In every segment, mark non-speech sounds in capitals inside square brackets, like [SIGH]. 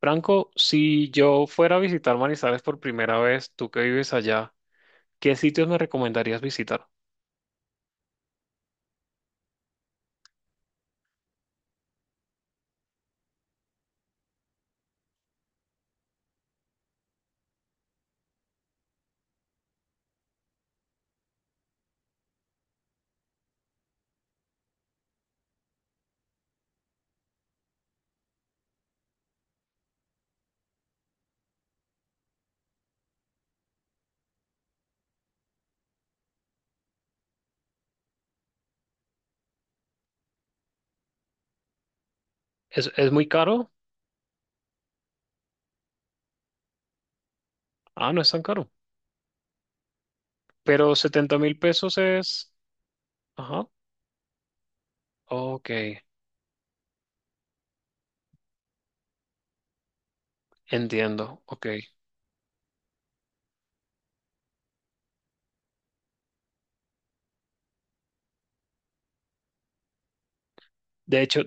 Franco, si yo fuera a visitar Manizales por primera vez, tú que vives allá, ¿qué sitios me recomendarías visitar? ¿Es muy caro? Ah, no es tan caro. Pero 70.000 pesos es. Ajá. Ok, entiendo. Ok. De hecho,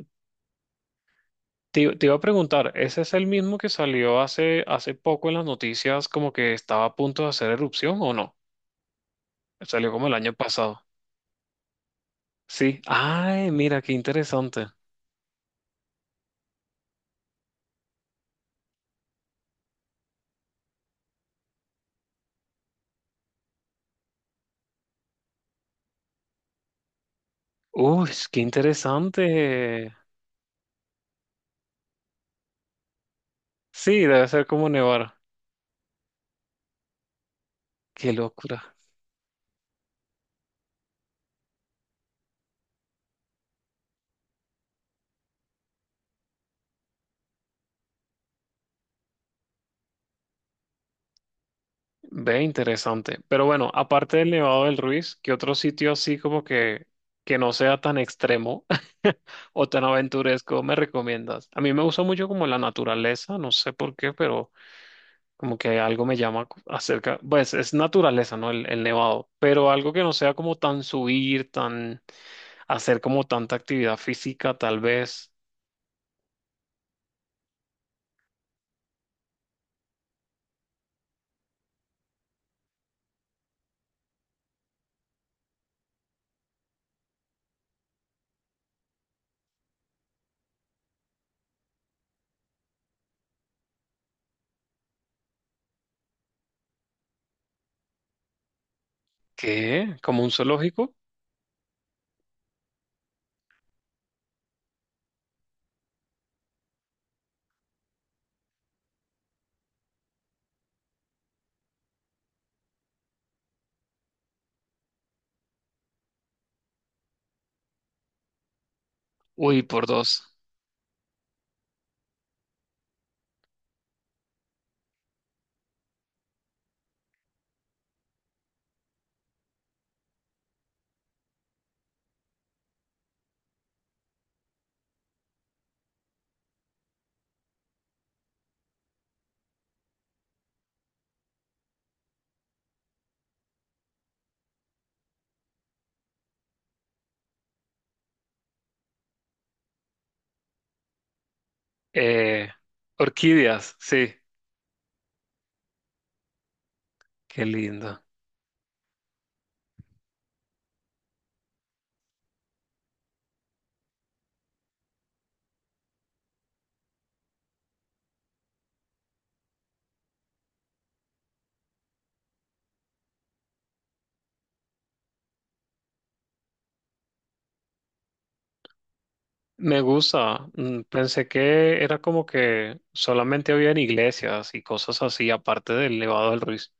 te iba a preguntar, ¿ese es el mismo que salió hace poco en las noticias como que estaba a punto de hacer erupción o no? Salió como el año pasado. Sí. Ay, mira, qué interesante. Uy, qué interesante. Sí, debe ser como nevar. Qué locura. Ve, interesante. Pero bueno, aparte del Nevado del Ruiz, ¿qué otro sitio así como que no sea tan extremo [LAUGHS] o tan aventuresco me recomiendas? A mí me gusta mucho como la naturaleza, no sé por qué, pero. Como que algo me llama acerca, pues es naturaleza, ¿no? El nevado, pero algo que no sea como tan subir, tan hacer como tanta actividad física, tal vez. ¿Qué? ¿Como un zoológico? Uy, por dos. Eh, orquídeas, sí, qué lindo. Me gusta. Pensé que era como que solamente había en iglesias y cosas así, aparte del Nevado del Ruiz.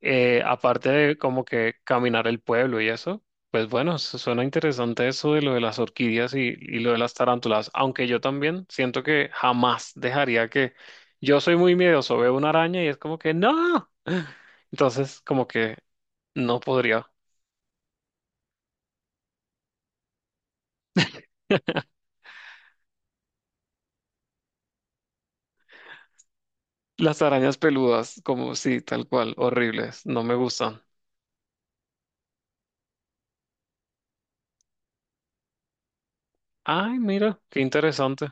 Aparte de como que caminar el pueblo y eso, pues bueno, suena interesante eso de lo de las orquídeas y lo de las tarántulas, aunque yo también siento que jamás dejaría que yo soy muy miedoso, veo una araña y es como que no. [LAUGHS] Entonces, como que no podría. Las arañas peludas, como sí, tal cual, horribles, no me gustan. Ay, mira, qué interesante.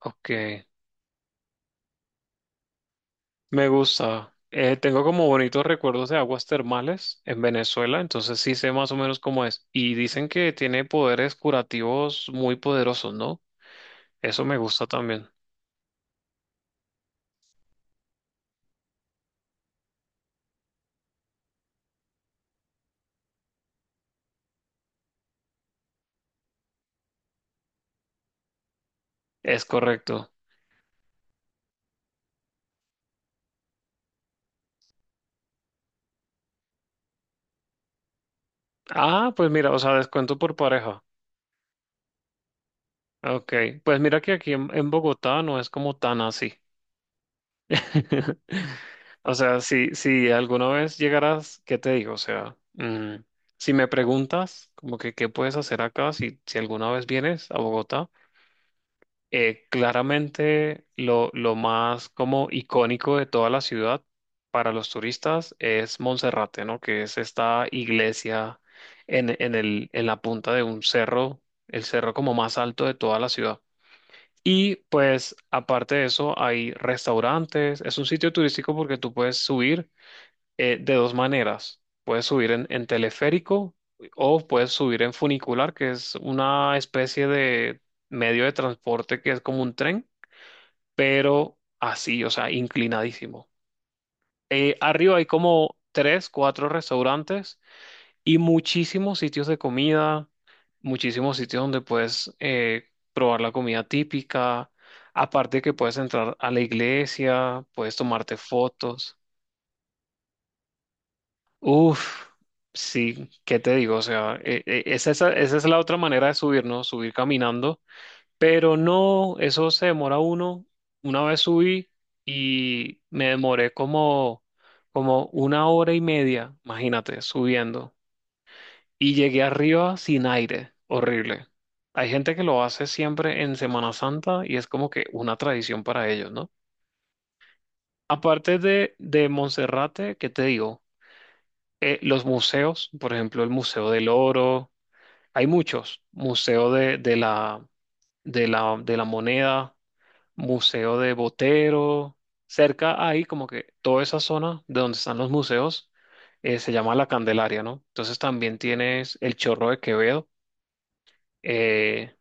Ok. Me gusta. Tengo como bonitos recuerdos de aguas termales en Venezuela, entonces sí sé más o menos cómo es. Y dicen que tiene poderes curativos muy poderosos, ¿no? Eso me gusta también. Es correcto. Ah, pues mira, o sea, descuento por pareja. Ok, pues mira que aquí en Bogotá no es como tan así. [LAUGHS] O sea, si alguna vez llegaras, ¿qué te digo? O sea, si me preguntas, como que qué puedes hacer acá, si alguna vez vienes a Bogotá. Claramente lo más como icónico de toda la ciudad para los turistas es Monserrate, ¿no? Que es esta iglesia en la punta de un cerro, el cerro como más alto de toda la ciudad. Y pues aparte de eso hay restaurantes, es un sitio turístico porque tú puedes subir de dos maneras. Puedes subir en teleférico o puedes subir en funicular, que es una especie de medio de transporte que es como un tren pero así, o sea, inclinadísimo. Arriba hay como tres, cuatro restaurantes y muchísimos sitios de comida, muchísimos sitios donde puedes probar la comida típica. Aparte que puedes entrar a la iglesia, puedes tomarte fotos. Uf, sí, ¿qué te digo? O sea, esa es la otra manera de subir, ¿no? Subir caminando. Pero no, eso se demora uno. Una vez subí y me demoré como una hora y media, imagínate, subiendo. Y llegué arriba sin aire, horrible. Hay gente que lo hace siempre en Semana Santa y es como que una tradición para ellos, ¿no? Aparte de Monserrate, ¿qué te digo? Los museos, por ejemplo, el Museo del Oro, hay muchos, Museo de la Moneda. Museo de Botero, cerca ahí como que toda esa zona de donde están los museos se llama La Candelaria, ¿no? Entonces también tienes el Chorro de Quevedo, eh,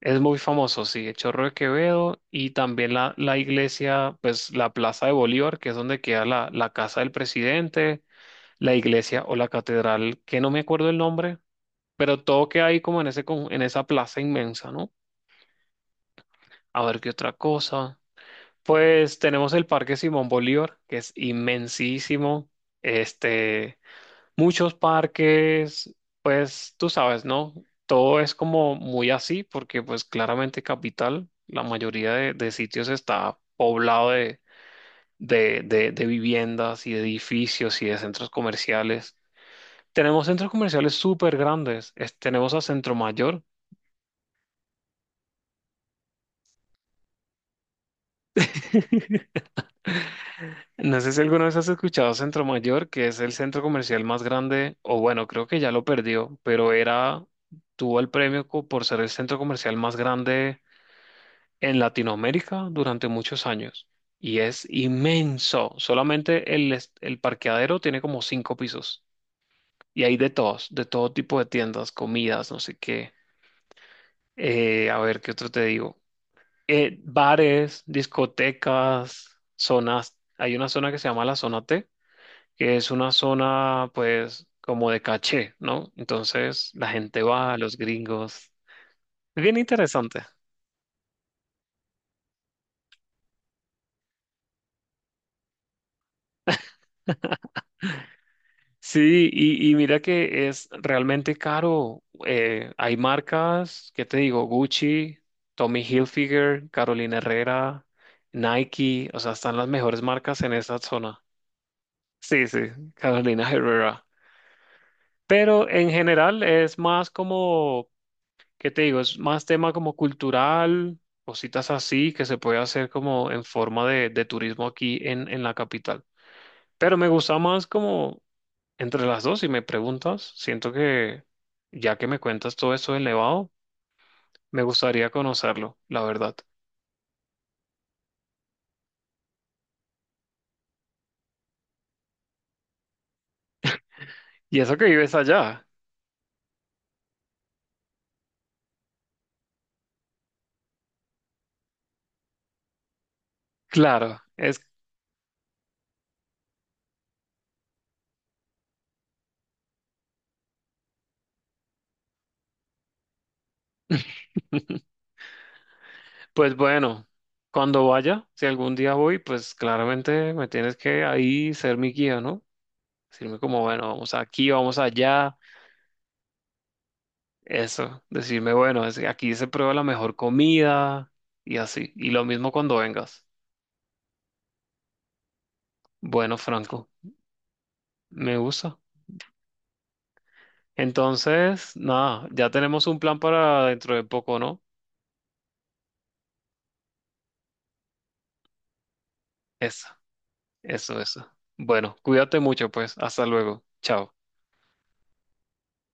es muy famoso, sí, el Chorro de Quevedo y también la iglesia, pues la Plaza de Bolívar, que es donde queda la casa del presidente, la iglesia o la catedral, que no me acuerdo el nombre, pero todo queda ahí como en en esa plaza inmensa, ¿no? A ver qué otra cosa. Pues tenemos el Parque Simón Bolívar, que es inmensísimo. Este, muchos parques, pues tú sabes, ¿no? Todo es como muy así, porque pues claramente capital, la mayoría de sitios está poblado de viviendas y de edificios y de centros comerciales. Tenemos centros comerciales súper grandes. Tenemos a Centro Mayor. No sé si alguna vez has escuchado Centro Mayor, que es el centro comercial más grande, o bueno, creo que ya lo perdió, pero era, tuvo el premio por ser el centro comercial más grande en Latinoamérica durante muchos años. Y es inmenso. Solamente el parqueadero tiene como cinco pisos. Y hay de todos, de todo tipo de tiendas, comidas, no sé qué. A ver, ¿qué otro te digo? Bares, discotecas, zonas. Hay una zona que se llama la zona T que es una zona pues como de caché, ¿no? Entonces la gente va, los gringos. Es bien interesante. Sí, y mira que es realmente caro. Hay marcas, ¿qué te digo? Gucci, Tommy Hilfiger, Carolina Herrera, Nike, o sea, están las mejores marcas en esa zona. Sí, sí, Carolina Herrera. Pero en general es más como. ¿Qué te digo? Es más tema como cultural, cositas así que se puede hacer como en forma de turismo aquí en la capital. Pero me gusta más como entre las dos, si me preguntas, siento que ya que me cuentas todo esto del Nevado, me gustaría conocerlo, la verdad. Y eso que vives allá, claro, es, pues bueno, cuando vaya, si algún día voy, pues claramente me tienes que ahí ser mi guía, ¿no? Decirme como, bueno, vamos aquí, vamos allá. Eso, decirme, bueno, aquí se prueba la mejor comida y así. Y lo mismo cuando vengas. Bueno, Franco, me gusta. Entonces, nada, ya tenemos un plan para dentro de poco, ¿no? Eso, eso, eso. Bueno, cuídate mucho, pues. Hasta luego. Chao.